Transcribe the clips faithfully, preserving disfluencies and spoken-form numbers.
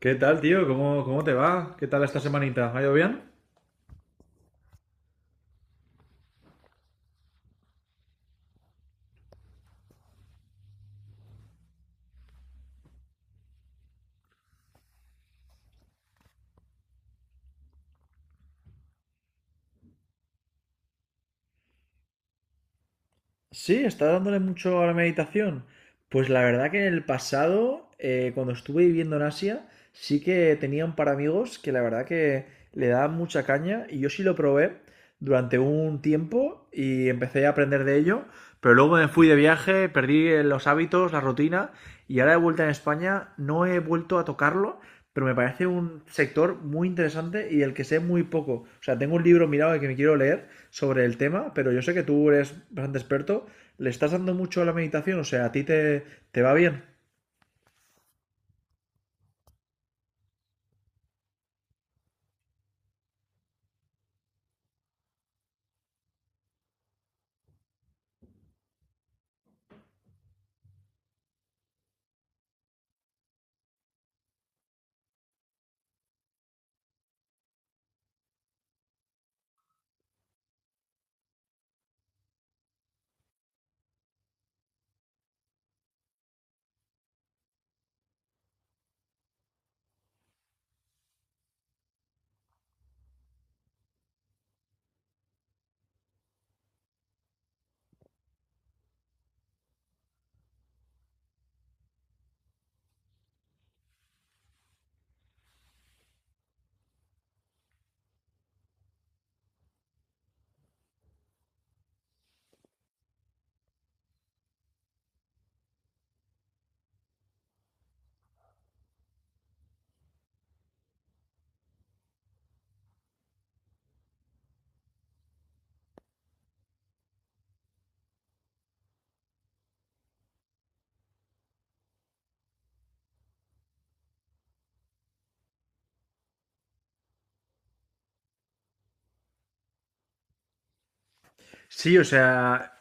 ¿Qué tal, tío? ¿Cómo, cómo te va? ¿Qué tal esta semanita? ¿Ha ido bien? Sí, está dándole mucho a la meditación. Pues la verdad que en el pasado, eh, cuando estuve viviendo en Asia, sí que tenía un par de amigos que la verdad que le daban mucha caña y yo sí lo probé durante un tiempo y empecé a aprender de ello, pero luego me fui de viaje, perdí eh, los hábitos, la rutina, y ahora de vuelta en España no he vuelto a tocarlo, pero me parece un sector muy interesante y el que sé muy poco. O sea, tengo un libro mirado que me quiero leer sobre el tema, pero yo sé que tú eres bastante experto. ¿Le estás dando mucho a la meditación? O sea, ¿a ti te, te va bien? Sí, o sea,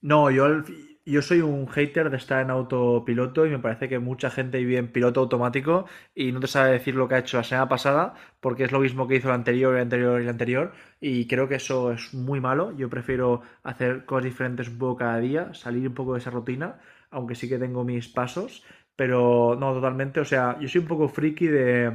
no, yo, al- yo soy un hater de estar en autopiloto y me parece que mucha gente vive en piloto automático y no te sabe decir lo que ha hecho la semana pasada porque es lo mismo que hizo el anterior, el anterior y el anterior, y creo que eso es muy malo. Yo prefiero hacer cosas diferentes un poco cada día, salir un poco de esa rutina, aunque sí que tengo mis pasos, pero no, totalmente. O sea, yo soy un poco friki de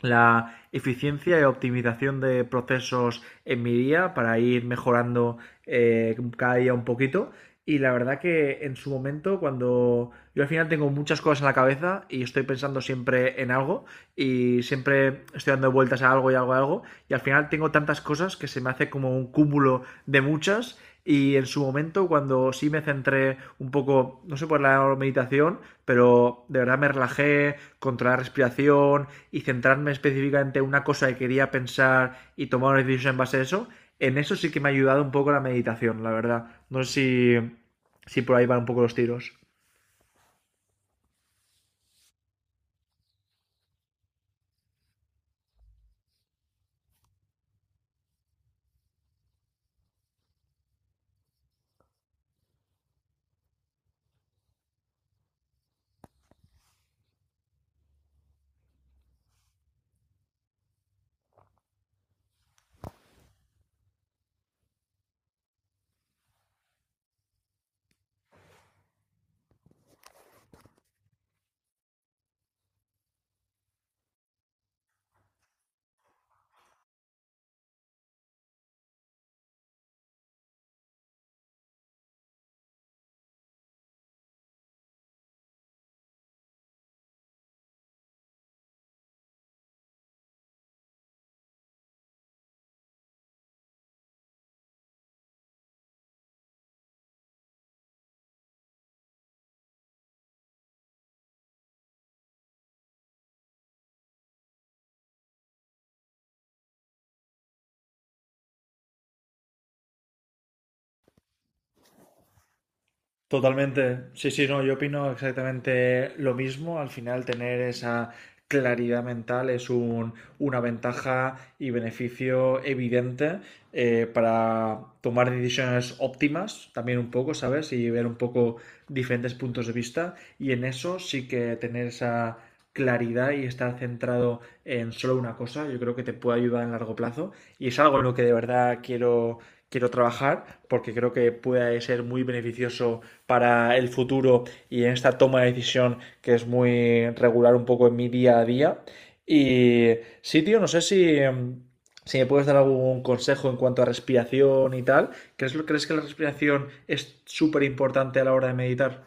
la eficiencia y optimización de procesos en mi día para ir mejorando eh, cada día un poquito, y la verdad que en su momento, cuando yo al final tengo muchas cosas en la cabeza y estoy pensando siempre en algo y siempre estoy dando vueltas a algo y algo a algo y al final tengo tantas cosas que se me hace como un cúmulo de muchas, y en su momento cuando sí me centré un poco, no sé por la meditación, pero de verdad me relajé, controlé la respiración y centrarme específicamente en una cosa que quería pensar y tomar una decisión en base a eso, en eso sí que me ha ayudado un poco la meditación, la verdad. No sé si, si por ahí van un poco los tiros. Totalmente. Sí, sí, no, yo opino exactamente lo mismo. Al final, tener esa claridad mental es un- una ventaja y beneficio evidente eh, para tomar decisiones óptimas, también un poco, ¿sabes? Y ver un poco diferentes puntos de vista. Y en eso sí que tener esa claridad y estar centrado en solo una cosa, yo creo que te puede ayudar en largo plazo. Y es algo en lo que de verdad quiero quiero trabajar porque creo que puede ser muy beneficioso para el futuro y en esta toma de decisión que es muy regular un poco en mi día a día. Y sí, tío, no sé si, si me puedes dar algún consejo en cuanto a respiración y tal. ¿Crees, crees que la respiración es súper importante a la hora de meditar?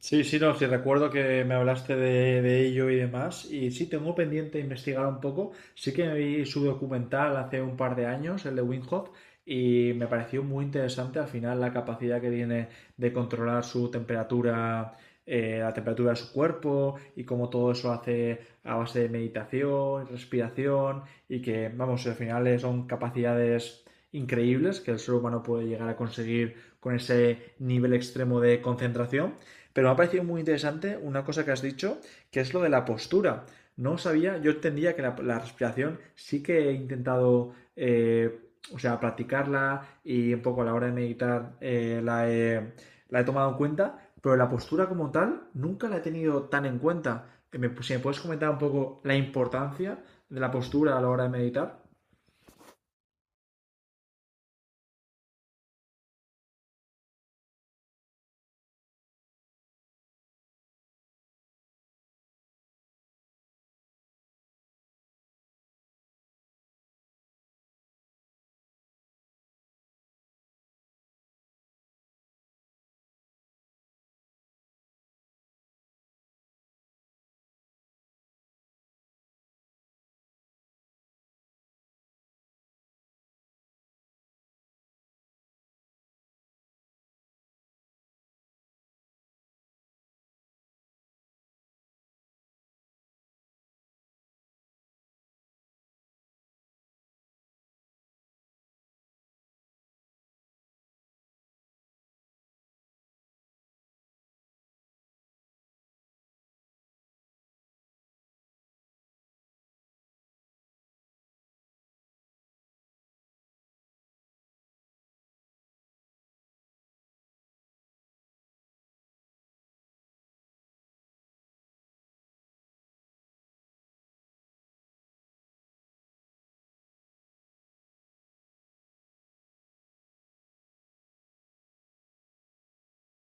Sí, sí, no, sí, recuerdo que me hablaste de, de ello y demás. Y sí, tengo pendiente investigar un poco. Sí que vi su documental hace un par de años, el de Winghoff, y me pareció muy interesante al final la capacidad que tiene de controlar su temperatura, eh, la temperatura de su cuerpo y cómo todo eso hace a base de meditación, respiración, y que, vamos, al final eh, son capacidades increíbles que el ser humano puede llegar a conseguir con ese nivel extremo de concentración, pero me ha parecido muy interesante una cosa que has dicho, que es lo de la postura. No sabía, yo entendía que la, la respiración sí que he intentado, eh, o sea, practicarla y un poco a la hora de meditar eh, la, he, la he tomado en cuenta, pero la postura como tal nunca la he tenido tan en cuenta. Eh, me- si me puedes comentar un poco la importancia de la postura a la hora de meditar.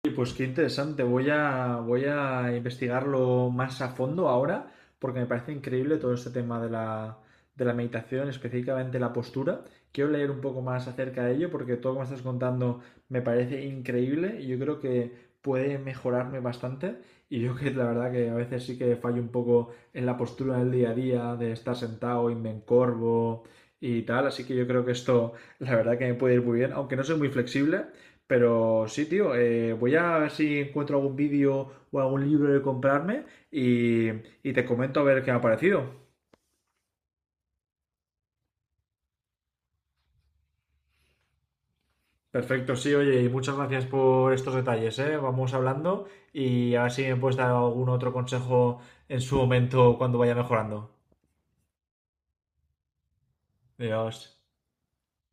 Y pues qué interesante, voy a, voy a investigarlo más a fondo ahora, porque me parece increíble todo este tema de la, de la meditación, específicamente la postura. Quiero leer un poco más acerca de ello, porque todo lo que me estás contando me parece increíble y yo creo que puede mejorarme bastante. Y yo que la verdad que a veces sí que fallo un poco en la postura del día a día, de estar sentado y me encorvo y tal, así que yo creo que esto la verdad que me puede ir muy bien, aunque no soy muy flexible, pero sí, tío, eh, voy a ver si encuentro algún vídeo o algún libro de comprarme y, y te comento a ver qué me ha parecido. Perfecto, sí, oye, y muchas gracias por estos detalles, ¿eh? Vamos hablando y a ver si me puedes dar algún otro consejo en su momento cuando vaya mejorando. Adiós.